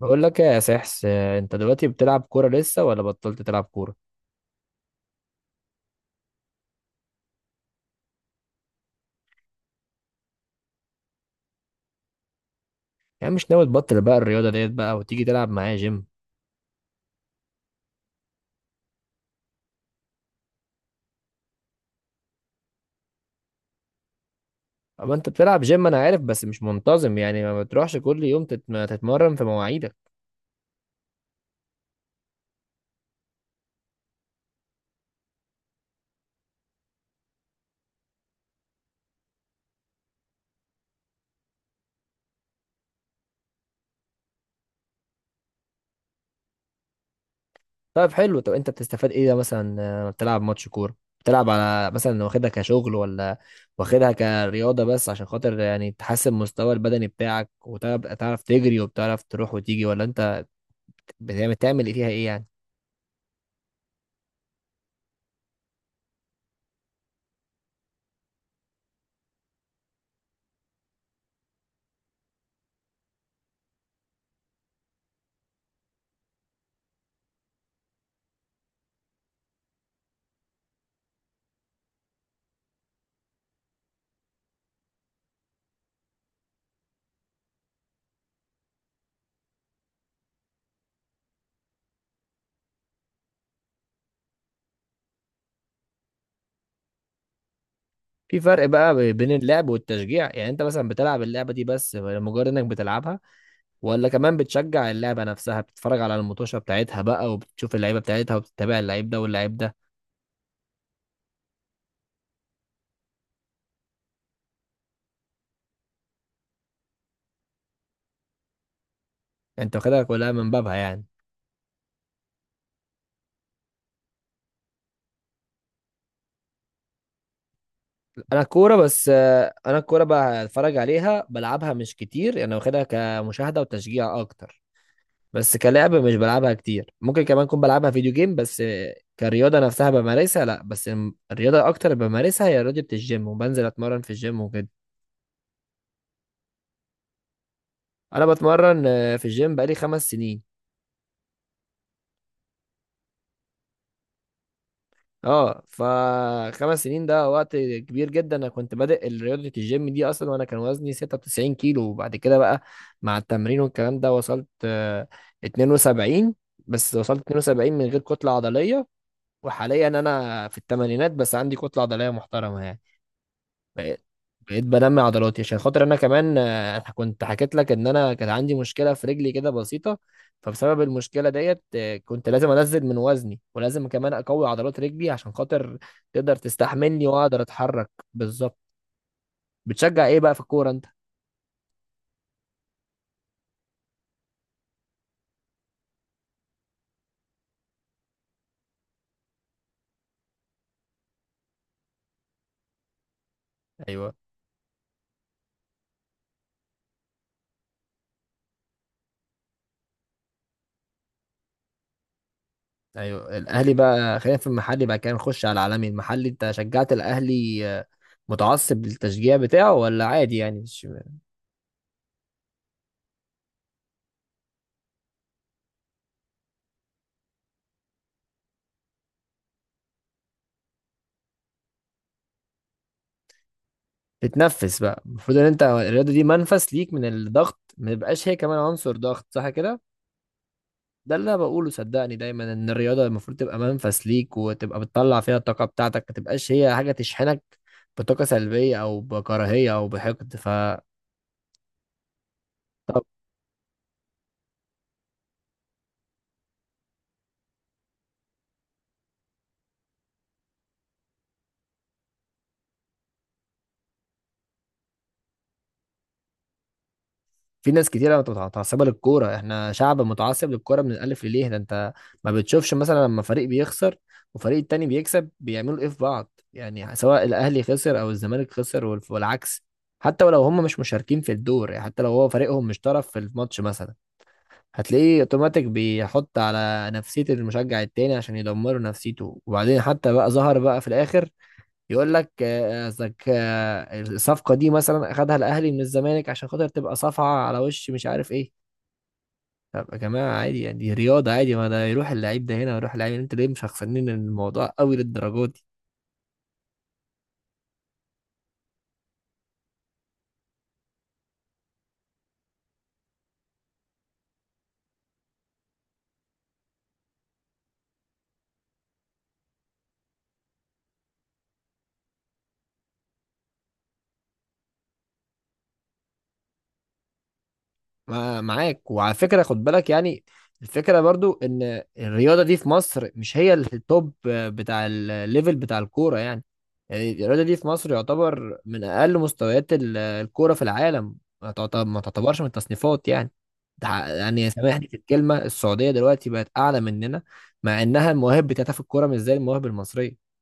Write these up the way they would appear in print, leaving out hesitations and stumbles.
بقول لك إيه يا سحس انت دلوقتي بتلعب كوره لسه ولا بطلت تلعب كوره؟ يعني مش ناوي تبطل بقى الرياضه ديت بقى وتيجي تلعب معايا جيم؟ اما انت بتلعب جيم انا عارف بس مش منتظم، يعني ما بتروحش كل يوم تتمرن في مواعيدك. طيب حلو، طب انت بتستفاد ايه ده مثلا؟ لما بتلعب ماتش كوره بتلعب على مثلا واخدها كشغل ولا واخدها كرياضه بس عشان خاطر يعني تحسن مستوى البدني بتاعك وتبقى تعرف تجري وبتعرف تروح وتيجي، ولا انت تعمل ايه فيها ايه يعني؟ في فرق بقى بين اللعب والتشجيع، يعني انت مثلا بتلعب اللعبة دي بس لمجرد انك بتلعبها، ولا كمان بتشجع اللعبة نفسها، بتتفرج على المطوشة بتاعتها بقى وبتشوف اللعيبة بتاعتها وبتتابع اللعيب ده واللعيب ده؟ انت واخدها كلها من بابها يعني. انا الكورة بس، انا الكورة بقى اتفرج عليها، بلعبها مش كتير، يعني انا واخدها كمشاهدة وتشجيع اكتر. بس كلعب مش بلعبها كتير، ممكن كمان اكون بلعبها فيديو جيم، بس كرياضة نفسها بمارسها لا، بس الرياضة اكتر بمارسها هي رياضة الجيم، وبنزل اتمرن في الجيم وكده. انا بتمرن في الجيم بقالي 5 سنين. اه، فخمس سنين ده وقت كبير جدا. انا كنت بادئ رياضة الجيم دي اصلا وانا كان وزني 96 كيلو، وبعد كده بقى مع التمرين والكلام ده وصلت 72. بس وصلت 72 من غير كتلة عضلية. وحاليا انا في الثمانينات بس عندي كتلة عضلية محترمة يعني. بقيت بقيت بنمي عضلاتي عشان خاطر انا كمان، كنت حكيت لك ان انا كان عندي مشكله في رجلي كده بسيطه. فبسبب المشكله ديت كنت لازم انزل من وزني ولازم كمان اقوي عضلات رجلي عشان خاطر تقدر تستحملني واقدر اتحرك بالظبط. بتشجع ايه بقى في الكوره انت؟ ايوه ايوه، الاهلي بقى. خلينا في المحلي بقى كده نخش على العالمي. المحلي انت شجعت الاهلي، متعصب للتشجيع بتاعه ولا عادي يعني؟ تتنفس بقى، المفروض ان انت الرياضه دي منفس ليك من الضغط، ما يبقاش هي كمان عنصر ضغط، صح كده؟ ده اللي انا بقوله صدقني دايما، ان الرياضه المفروض تبقى منفس ليك وتبقى بتطلع فيها الطاقه بتاعتك، ما تبقاش هي حاجه تشحنك بطاقه سلبيه او بكراهيه او بحقد، فطبعا في ناس كتيرة متعصبة للكورة. احنا شعب متعصب للكورة من الألف لليه. ده انت ما بتشوفش مثلا لما فريق بيخسر وفريق التاني بيكسب بيعملوا ايه في بعض يعني، سواء الأهلي خسر أو الزمالك خسر والعكس. حتى ولو هم مش مشاركين في الدور، يعني حتى لو هو فريقهم مش طرف في الماتش مثلا، هتلاقيه اوتوماتيك بيحط على نفسية المشجع التاني عشان يدمروا نفسيته. وبعدين حتى بقى ظهر بقى في الآخر يقول لك قصدك الصفقه دي مثلا اخدها الاهلي من الزمالك عشان خاطر تبقى صفعه على وش مش عارف ايه. طب يا جماعه عادي يعني، دي رياضه عادي، ما ده يروح اللعيب ده هنا ويروح اللعيب، انت ليه مشخصنين الموضوع قوي للدرجه دي؟ معاك وعلى فكرة خد بالك يعني، الفكرة برضو ان الرياضة دي في مصر مش هي التوب بتاع الليفل بتاع الكورة يعني. يعني الرياضة دي في مصر يعتبر من اقل مستويات الكورة في العالم. ما تعتبرش من التصنيفات يعني. يعني سامحني في الكلمة، السعودية دلوقتي بقت اعلى مننا، مع انها المواهب بتاعتها في الكورة مش زي المواهب المصرية.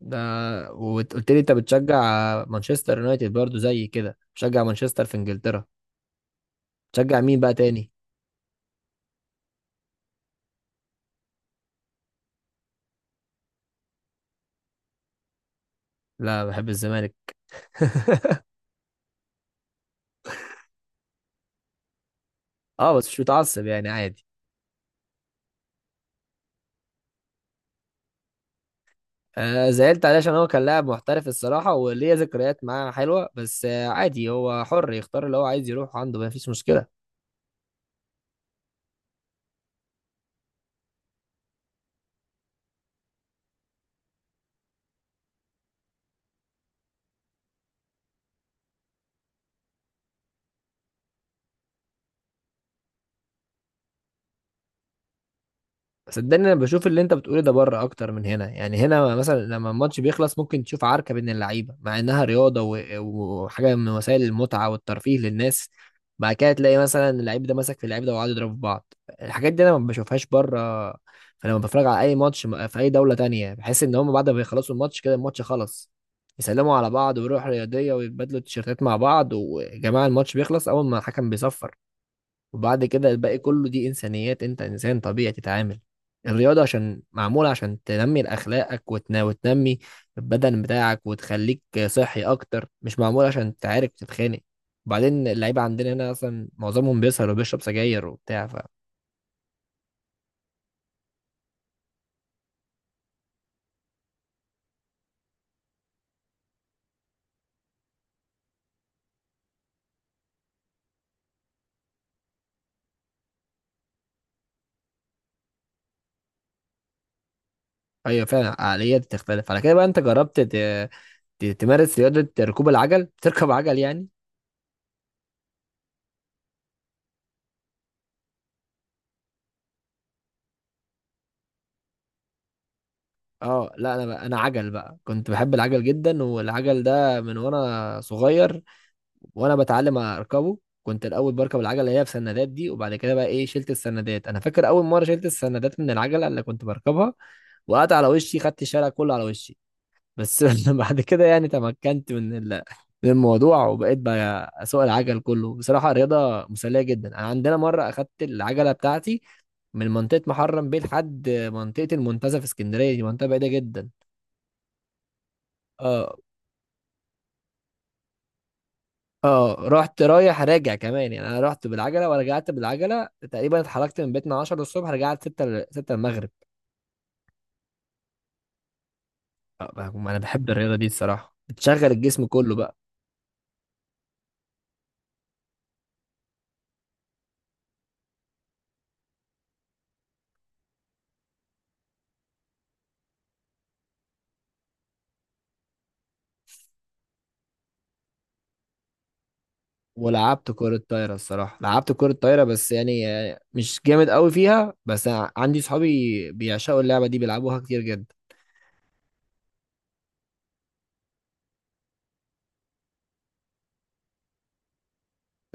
ده وقلت لي انت بتشجع مانشستر يونايتد برضو، زي كده بتشجع مانشستر في انجلترا. بتشجع مين بقى تاني؟ لا بحب الزمالك. اه بس مش متعصب يعني، عادي. آه زعلت عليه عشان هو كان لاعب محترف الصراحة وليه ذكريات معاه حلوة، بس آه عادي، هو حر يختار اللي هو عايز يروح عنده، مفيش مشكلة. صدقني انا بشوف اللي انت بتقوله ده بره اكتر من هنا، يعني هنا مثلا لما الماتش بيخلص ممكن تشوف عركه بين اللعيبه، مع انها رياضه وحاجه من وسائل المتعه والترفيه للناس. بعد كده تلاقي مثلا اللعيب ده مسك في اللعيب ده وقعدوا يضربوا في بعض. الحاجات دي انا ما بشوفهاش بره. فلما بتفرج على اي ماتش في اي دوله تانية بحس ان هم بعد ما يخلصوا الماتش كده الماتش خلص، يسلموا على بعض ويروحوا رياضيه ويتبادلوا التيشيرتات مع بعض. وجماعه الماتش بيخلص اول ما الحكم بيصفر، وبعد كده الباقي كله دي انسانيات، انت انسان طبيعي تتعامل. الرياضة عشان معمولة عشان تنمي اخلاقك وتنمي البدن بتاعك وتخليك صحي اكتر، مش معمولة عشان تعارك وتتخانق. وبعدين اللعيبة عندنا هنا اصلا معظمهم بيسهر وبيشرب سجاير وبتاع، ف ايوه فعلا. العقلية دي تختلف على كده بقى. انت جربت تمارس رياضة ركوب العجل، تركب عجل يعني؟ اه لا انا بقى، انا عجل بقى، كنت بحب العجل جدا، والعجل ده من وانا صغير وانا بتعلم اركبه، كنت الاول بركب العجله اللي هي بسندات دي، وبعد كده بقى ايه شلت السندات. انا فاكر اول مره شلت السندات من العجله اللي كنت بركبها وقعت على وشي، خدت الشارع كله على وشي بس. بعد كده يعني تمكنت من من الموضوع، وبقيت بقى اسوق العجل كله. بصراحه رياضه مسليه جدا. انا عندنا مره اخدت العجله بتاعتي من منطقه محرم بيه لحد منطقه المنتزه في اسكندريه، دي منطقه بعيده جدا. اه، اه رحت رايح راجع كمان يعني، انا رحت بالعجله ورجعت بالعجله. تقريبا اتحركت من بيتنا 10 الصبح، رجعت 6 6 المغرب. انا بحب الرياضه دي الصراحه، بتشغل الجسم كله بقى. ولعبت كره طايره الصراحه، لعبت كره طايره بس يعني مش جامد قوي فيها، بس أنا عندي صحابي بيعشقوا اللعبه دي بيلعبوها كتير جدا.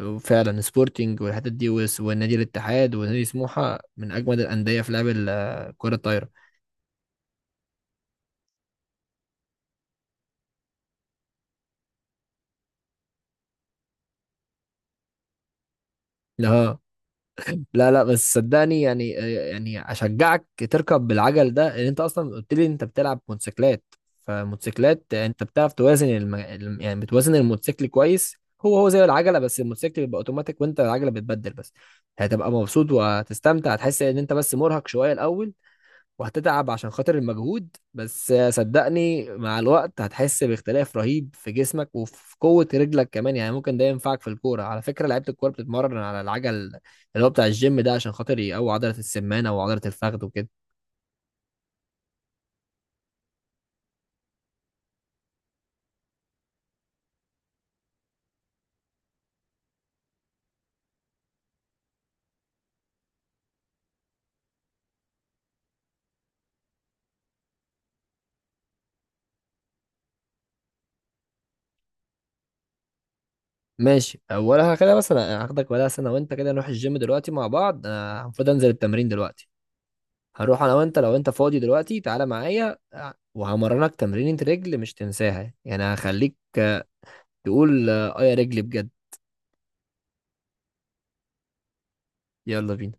وفعلا سبورتنج والحتت دي والنادي الاتحاد ونادي سموحه من اجمد الانديه في لعب كره الطايره. لا لا، بس صدقني يعني، اشجعك تركب بالعجل ده، لان انت اصلا قلت لي انت بتلعب موتوسيكلات، فموتوسيكلات انت بتعرف توازن يعني بتوازن الموتوسيكل كويس. هو زي العجله، بس الموتوسيكل بيبقى اوتوماتيك وانت العجله بتبدل بس. هتبقى مبسوط وهتستمتع، هتحس ان انت بس مرهق شويه الاول وهتتعب عشان خاطر المجهود، بس صدقني مع الوقت هتحس باختلاف رهيب في جسمك وفي قوة رجلك كمان. يعني ممكن ده ينفعك في الكورة، على فكرة لعيبة الكورة بتتمرن على العجل اللي هو بتاع الجيم ده عشان خاطر يقوي عضلة السمانة وعضلة الفخذ وكده. ماشي ولا كده مثلا هاخدك ولا سنة وانت كده؟ نروح الجيم دلوقتي مع بعض، انا المفروض انزل التمرين دلوقتي. هنروح انا وانت لو انت فاضي دلوقتي، تعالى معايا وهمرنك تمرينة رجل مش تنساها، يعني هخليك تقول اه يا رجلي بجد. يلا بينا.